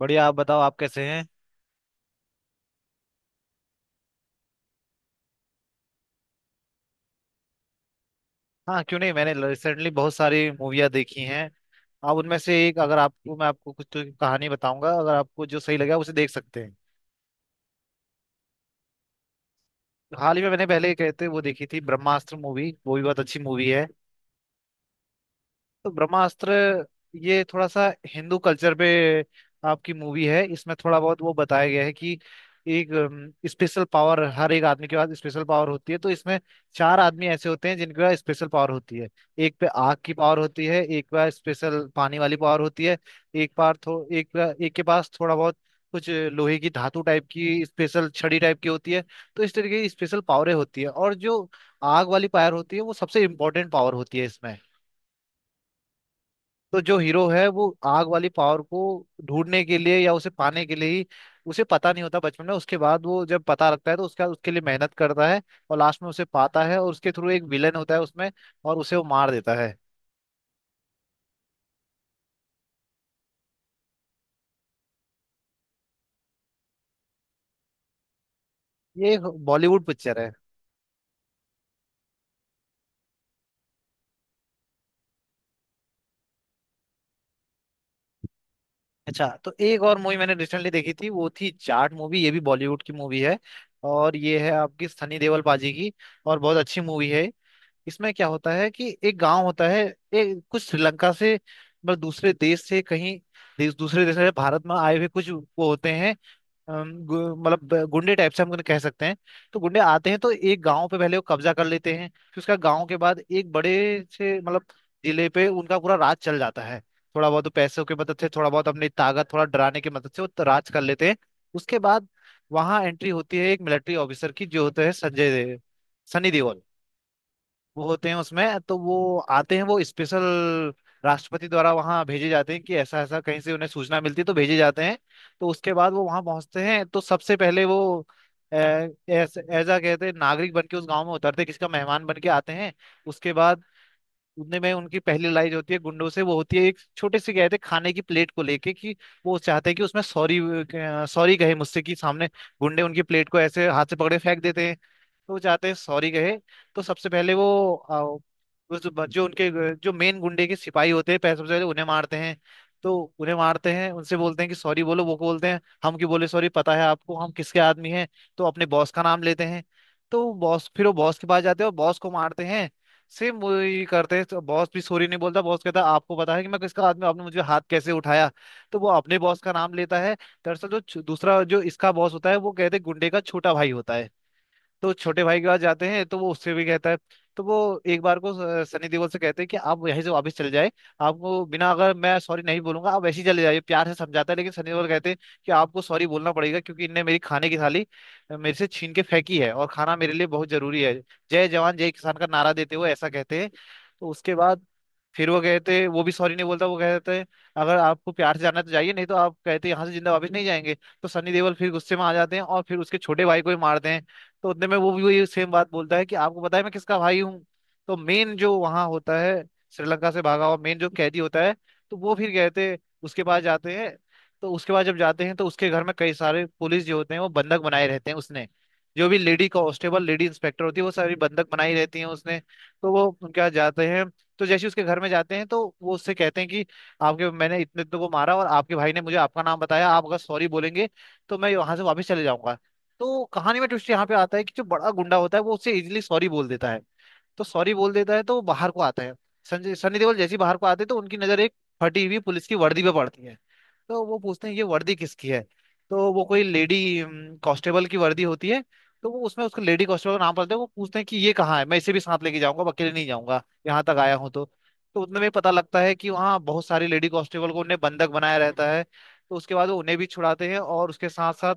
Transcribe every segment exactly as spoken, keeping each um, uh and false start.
बढ़िया। आप बताओ, आप कैसे हैं। हाँ क्यों नहीं, मैंने रिसेंटली बहुत सारी मूवियाँ देखी हैं। आप उनमें से एक, अगर आपको मैं आपको कुछ तो कहानी बताऊंगा, अगर आपको जो सही लगा उसे देख सकते हैं। हाल ही में मैंने पहले कहते वो देखी थी ब्रह्मास्त्र मूवी, वो भी बहुत अच्छी मूवी है। तो ब्रह्मास्त्र, ये थोड़ा सा हिंदू कल्चर पे आपकी मूवी है। इसमें थोड़ा बहुत वो बताया गया है कि एक स्पेशल पावर, हर एक आदमी के पास स्पेशल पावर होती है। तो इसमें चार आदमी ऐसे होते हैं जिनके पास स्पेशल पावर होती है। एक पे आग की पावर होती है, एक पे पास स्पेशल पानी वाली पावर होती है। एक पार थो एक पे- एक के पास थोड़ा बहुत कुछ लोहे की धातु टाइप की स्पेशल छड़ी टाइप की होती है। तो इस तरीके की स्पेशल पावरें होती है, और जो आग वाली पावर होती है वो सबसे इम्पोर्टेंट पावर होती है इसमें। तो जो हीरो है वो आग वाली पावर को ढूंढने के लिए या उसे पाने के लिए ही, उसे पता नहीं होता बचपन में। उसके बाद वो जब पता लगता है तो उसका उसके लिए मेहनत करता है, और लास्ट में उसे पाता है। और उसके थ्रू एक विलन होता है उसमें, और उसे वो मार देता है। ये एक बॉलीवुड पिक्चर है। अच्छा, तो एक और मूवी मैंने रिसेंटली देखी थी, वो थी जाट मूवी। ये भी बॉलीवुड की मूवी है, और ये है आपकी सनी देओल पाजी की। और बहुत अच्छी मूवी है। इसमें क्या होता है कि एक गांव होता है। एक कुछ श्रीलंका से मतलब दूसरे देश से कहीं, देश दूसरे देश से भारत में आए हुए कुछ वो होते हैं। अम, गु- मतलब ब- गुंडे टाइप से हम उन्हें कह सकते हैं। तो गुंडे आते हैं, तो एक गांव पे पहले वो कब्जा कर लेते हैं। फिर उसका गांव के बाद एक बड़े से मतलब जिले पे उनका पूरा राज चल जाता है। थोड़ा बहुत तो पैसों की मदद से, थोड़ा बहुत अपनी ताकत, थोड़ा डराने की मदद से वो राज कर लेते हैं। उसके बाद वहां एंट्री होती है एक मिलिट्री ऑफिसर की जो होता है संजय दे- सनी देओल। वो होते हैं उसमें। तो वो आते हैं, वो स्पेशल राष्ट्रपति द्वारा वहां भेजे जाते हैं कि ऐसा ऐसा कहीं से उन्हें सूचना मिलती है तो भेजे जाते हैं। तो उसके बाद वो वहां पहुंचते हैं, तो सबसे पहले वो ऐसा कहते हैं नागरिक बन के उस गांव में उतरते हैं, किसी का मेहमान बन के आते हैं। उसके बाद उतने में उनकी पहली लड़ाई जो होती है गुंडों से वो होती है एक छोटे से कहते हैं खाने की प्लेट को लेके, कि वो चाहते हैं कि उसमें सॉरी, सॉरी कहे मुझसे कि सामने गुंडे उनकी प्लेट को ऐसे हाथ से पकड़े फेंक देते हैं। तो वो जाते सॉरी कहे। तो सबसे पहले वो आ, उस ब- जो उनके ग- जो मेन गुंडे के सिपाही होते हैं पह- सबसे पहले उन्हें मारते हैं। तो उन्हें मारते हैं, उनसे बोलते हैं कि सॉरी बोलो। वो को बोलते हैं हम क्यों बोले सॉरी, पता है आपको हम किसके आदमी हैं। तो अपने बॉस का नाम लेते हैं। तो बॉस, फिर वो बॉस के पास जाते हैं और बॉस को मारते हैं। सेम वही करते हैं, तो बॉस भी सॉरी नहीं बोलता। बॉस कहता है आपको पता है कि मैं किसका आदमी हूँ? आपने मुझे हाथ कैसे उठाया। तो वो अपने बॉस का नाम लेता है। दरअसल जो छ- दूसरा जो इसका बॉस होता है वो कहते हैं गुंडे का छोटा भाई होता है। तो छोटे भाई के पास जाते हैं, तो वो उससे भी कहता है। तो वो एक बार को अ, सनी देओल से कहते हैं कि आप यहीं से वापस चले जाए। आपको बिना अगर मैं सॉरी नहीं बोलूंगा आप वैसे ही चले जाइए, प्यार से समझाता है। लेकिन सनी देओल कहते हैं कि आपको सॉरी बोलना पड़ेगा, क्योंकि इनने मेरी खाने की थाली अ, मेरे से छीन के फेंकी है, और खाना मेरे लिए बहुत जरूरी है। जय जवान जय किसान का नारा देते हुए ऐसा कहते हैं। तो उसके बाद फिर वो कहते, वो भी सॉरी नहीं बोलता। वो कहते हैं अगर आपको प्यार से जाना है तो जाइए, नहीं तो आप कहते हैं यहाँ से जिंदा वापस नहीं जाएंगे। तो सनी देओल फिर गुस्से में आ जाते हैं और फिर उसके छोटे भाई को ही मारते हैं। तो उतने में वो भी वही सेम बात बोलता है कि आपको पता है मैं किसका भाई हूँ। तो मेन जो वहां होता है, श्रीलंका से भागा हुआ मेन जो कैदी होता है, तो वो फिर कहते उसके पास जाते हैं। तो उसके बाद जब जाते हैं तो उसके घर में कई सारे पुलिस जो होते हैं वो बंधक बनाए रहते हैं उसने। जो भी लेडी कांस्टेबल, लेडी इंस्पेक्टर होती है वो सारी बंधक बनाई रहती हैं उसने। तो वो उनके यहाँ जाते हैं। तो जैसे ही उसके घर में जाते हैं तो वो उससे कहते हैं कि आपके मैंने इतने इतने को मारा और आपके भाई ने मुझे आपका नाम बताया, आप अगर सॉरी बोलेंगे तो मैं वहां से वापस चले जाऊंगा। तो कहानी में ट्विस्ट यहाँ पे आता है कि जो बड़ा गुंडा होता है वो उससे इजीली सॉरी बोल देता है। तो सॉरी बोल देता है, तो वो बाहर को आता है। संजय सनी देओल जैसे ही बाहर को आते हैं तो उनकी नजर एक फटी हुई पुलिस की वर्दी पे पड़ती है। तो वो पूछते हैं ये वर्दी किसकी है। तो वो कोई लेडी कांस्टेबल की वर्दी होती है। तो वो उसमें उसको लेडी कांस्टेबल का नाम पड़ता है। वो पूछते हैं कि ये कहाँ है, मैं इसे भी साथ लेके जाऊंगा, मैं अकेले नहीं जाऊंगा, यहाँ तक आया हूँ तो। तो उतने में पता लगता है कि वहाँ बहुत सारी लेडी कांस्टेबल को उन्हें बंधक बनाया रहता है। तो उसके बाद वो उन्हें भी छुड़ाते हैं और उसके साथ साथ।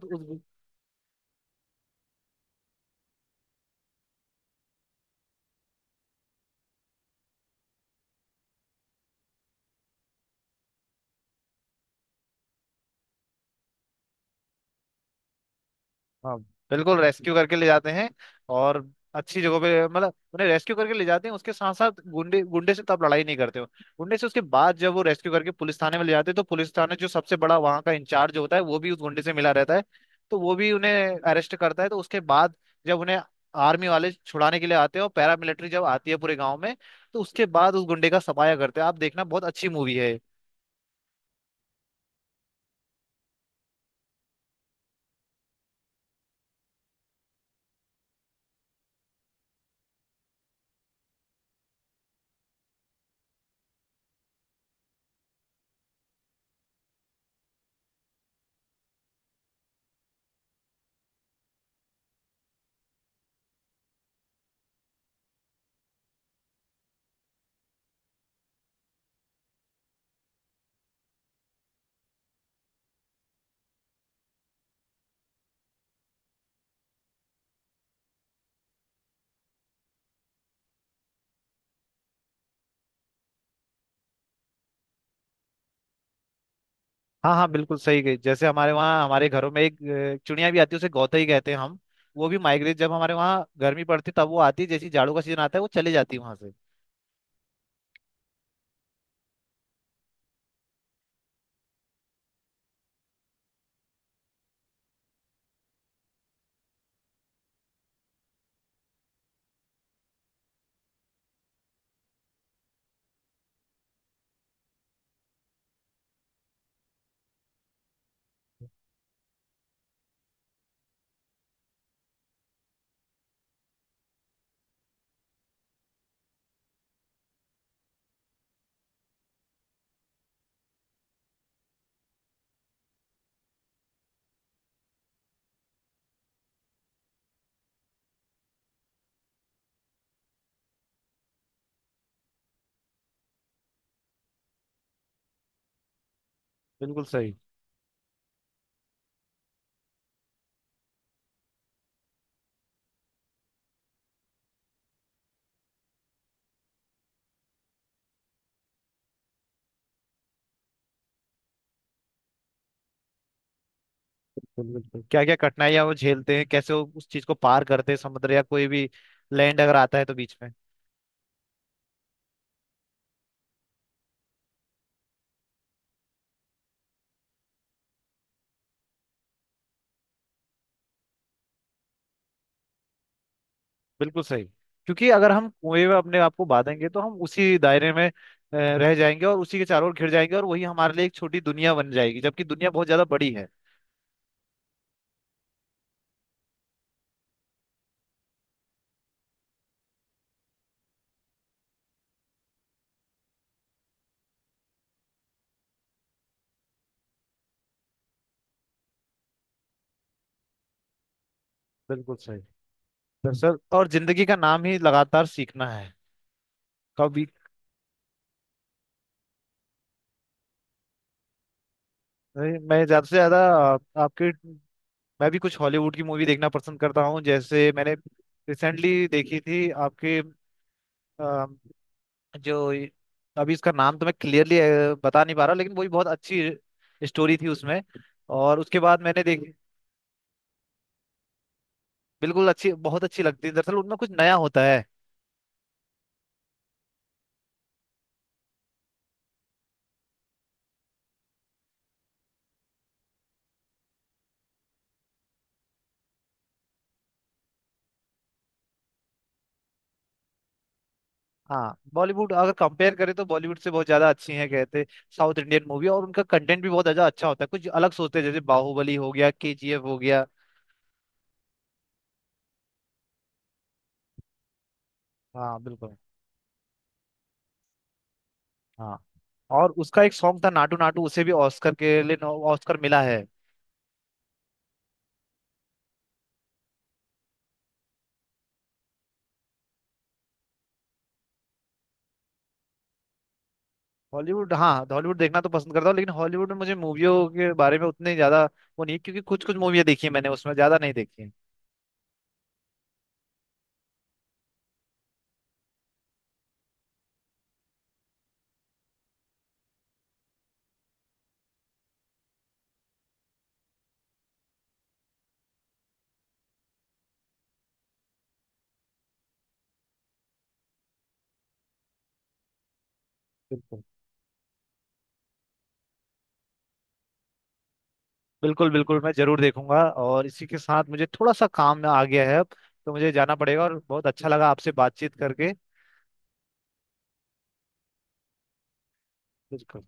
हाँ, बिल्कुल रेस्क्यू करके ले जाते हैं। और अच्छी जगह पे मतलब उन्हें रेस्क्यू करके ले जाते हैं। उसके साथ साथ गुंडे, गुंडे से तब लड़ाई नहीं करते हो। गुंडे से उसके बाद जब वो रेस्क्यू करके पुलिस थाने में ले जाते हैं तो पुलिस थाने जो सबसे बड़ा वहाँ का इंचार्ज होता है वो भी उस गुंडे से मिला रहता है। तो वो भी उन्हें अरेस्ट करता है। तो उसके बाद जब उन्हें आर्मी वाले छुड़ाने के लिए आते हैं और पैरामिलिट्री जब आती है पूरे गाँव में, तो उसके बाद उस गुंडे का सफाया करते हैं। आप देखना, बहुत अच्छी मूवी है। हाँ हाँ बिल्कुल सही गई। जैसे हमारे वहाँ हमारे घरों में एक अ, चिड़िया भी आती है, उसे गौतई कहते हैं हम। वो भी माइग्रेट, जब हमारे वहाँ गर्मी पड़ती तब वो आती है, जैसे ही जाड़ों का सीजन आता है वो चली जाती है वहाँ से। बिल्कुल सही। बिल्कुल बिल्कुल, क्या क्या कठिनाइयाँ वो झेलते हैं, कैसे वो उस चीज को पार करते हैं, समुद्र या कोई भी लैंड अगर आता है तो बीच में। बिल्कुल सही, क्योंकि अगर हम कुएं में अपने आप को बांधेंगे तो हम उसी दायरे में अ, रह जाएंगे और उसी के चारों ओर घिर जाएंगे और वही हमारे लिए एक छोटी दुनिया बन जाएगी, जबकि दुनिया बहुत ज्यादा बड़ी है। बिल्कुल सही। दरअसल, और जिंदगी का नाम ही लगातार सीखना है। कभी। नहीं, मैं ज्यादा से ज्यादा आप- आपके मैं भी कुछ हॉलीवुड की मूवी देखना पसंद करता हूँ। जैसे मैंने रिसेंटली देखी थी आपके अ, जो ये- अभी इसका नाम तो मैं क्लियरली बता नहीं पा रहा, लेकिन वही बहुत अच्छी स्टोरी थी उसमें। और उसके बाद मैंने देखी। बिल्कुल अच्छी, बहुत अच्छी लगती है, दरअसल उनमें कुछ नया होता है। हाँ बॉलीवुड अगर कंपेयर करें तो बॉलीवुड से बहुत ज्यादा अच्छी है, कहते साउथ इंडियन मूवी। और उनका कंटेंट भी बहुत ज्यादा अच्छा होता है, कुछ अलग सोचते हैं, जैसे बाहुबली हो गया, के जी एफ हो गया। हाँ बिल्कुल। हाँ, और उसका एक सॉन्ग था नाटू नाटू, उसे भी ऑस्कर के लिए नो- ऑस्कर मिला है। हॉलीवुड, हाँ हॉलीवुड देखना तो पसंद करता हूँ, लेकिन हॉलीवुड में मुझे मूवियों के बारे में उतने ज्यादा वो नहीं, क्योंकि कुछ कुछ मूवियाँ देखी है मैंने, उसमें ज्यादा नहीं देखी है। बिल्कुल। बिल्कुल बिल्कुल, मैं जरूर देखूंगा। और इसी के साथ मुझे थोड़ा सा काम आ गया है अब, तो मुझे जाना पड़ेगा। और बहुत अच्छा लगा आपसे बातचीत करके। बिल्कुल।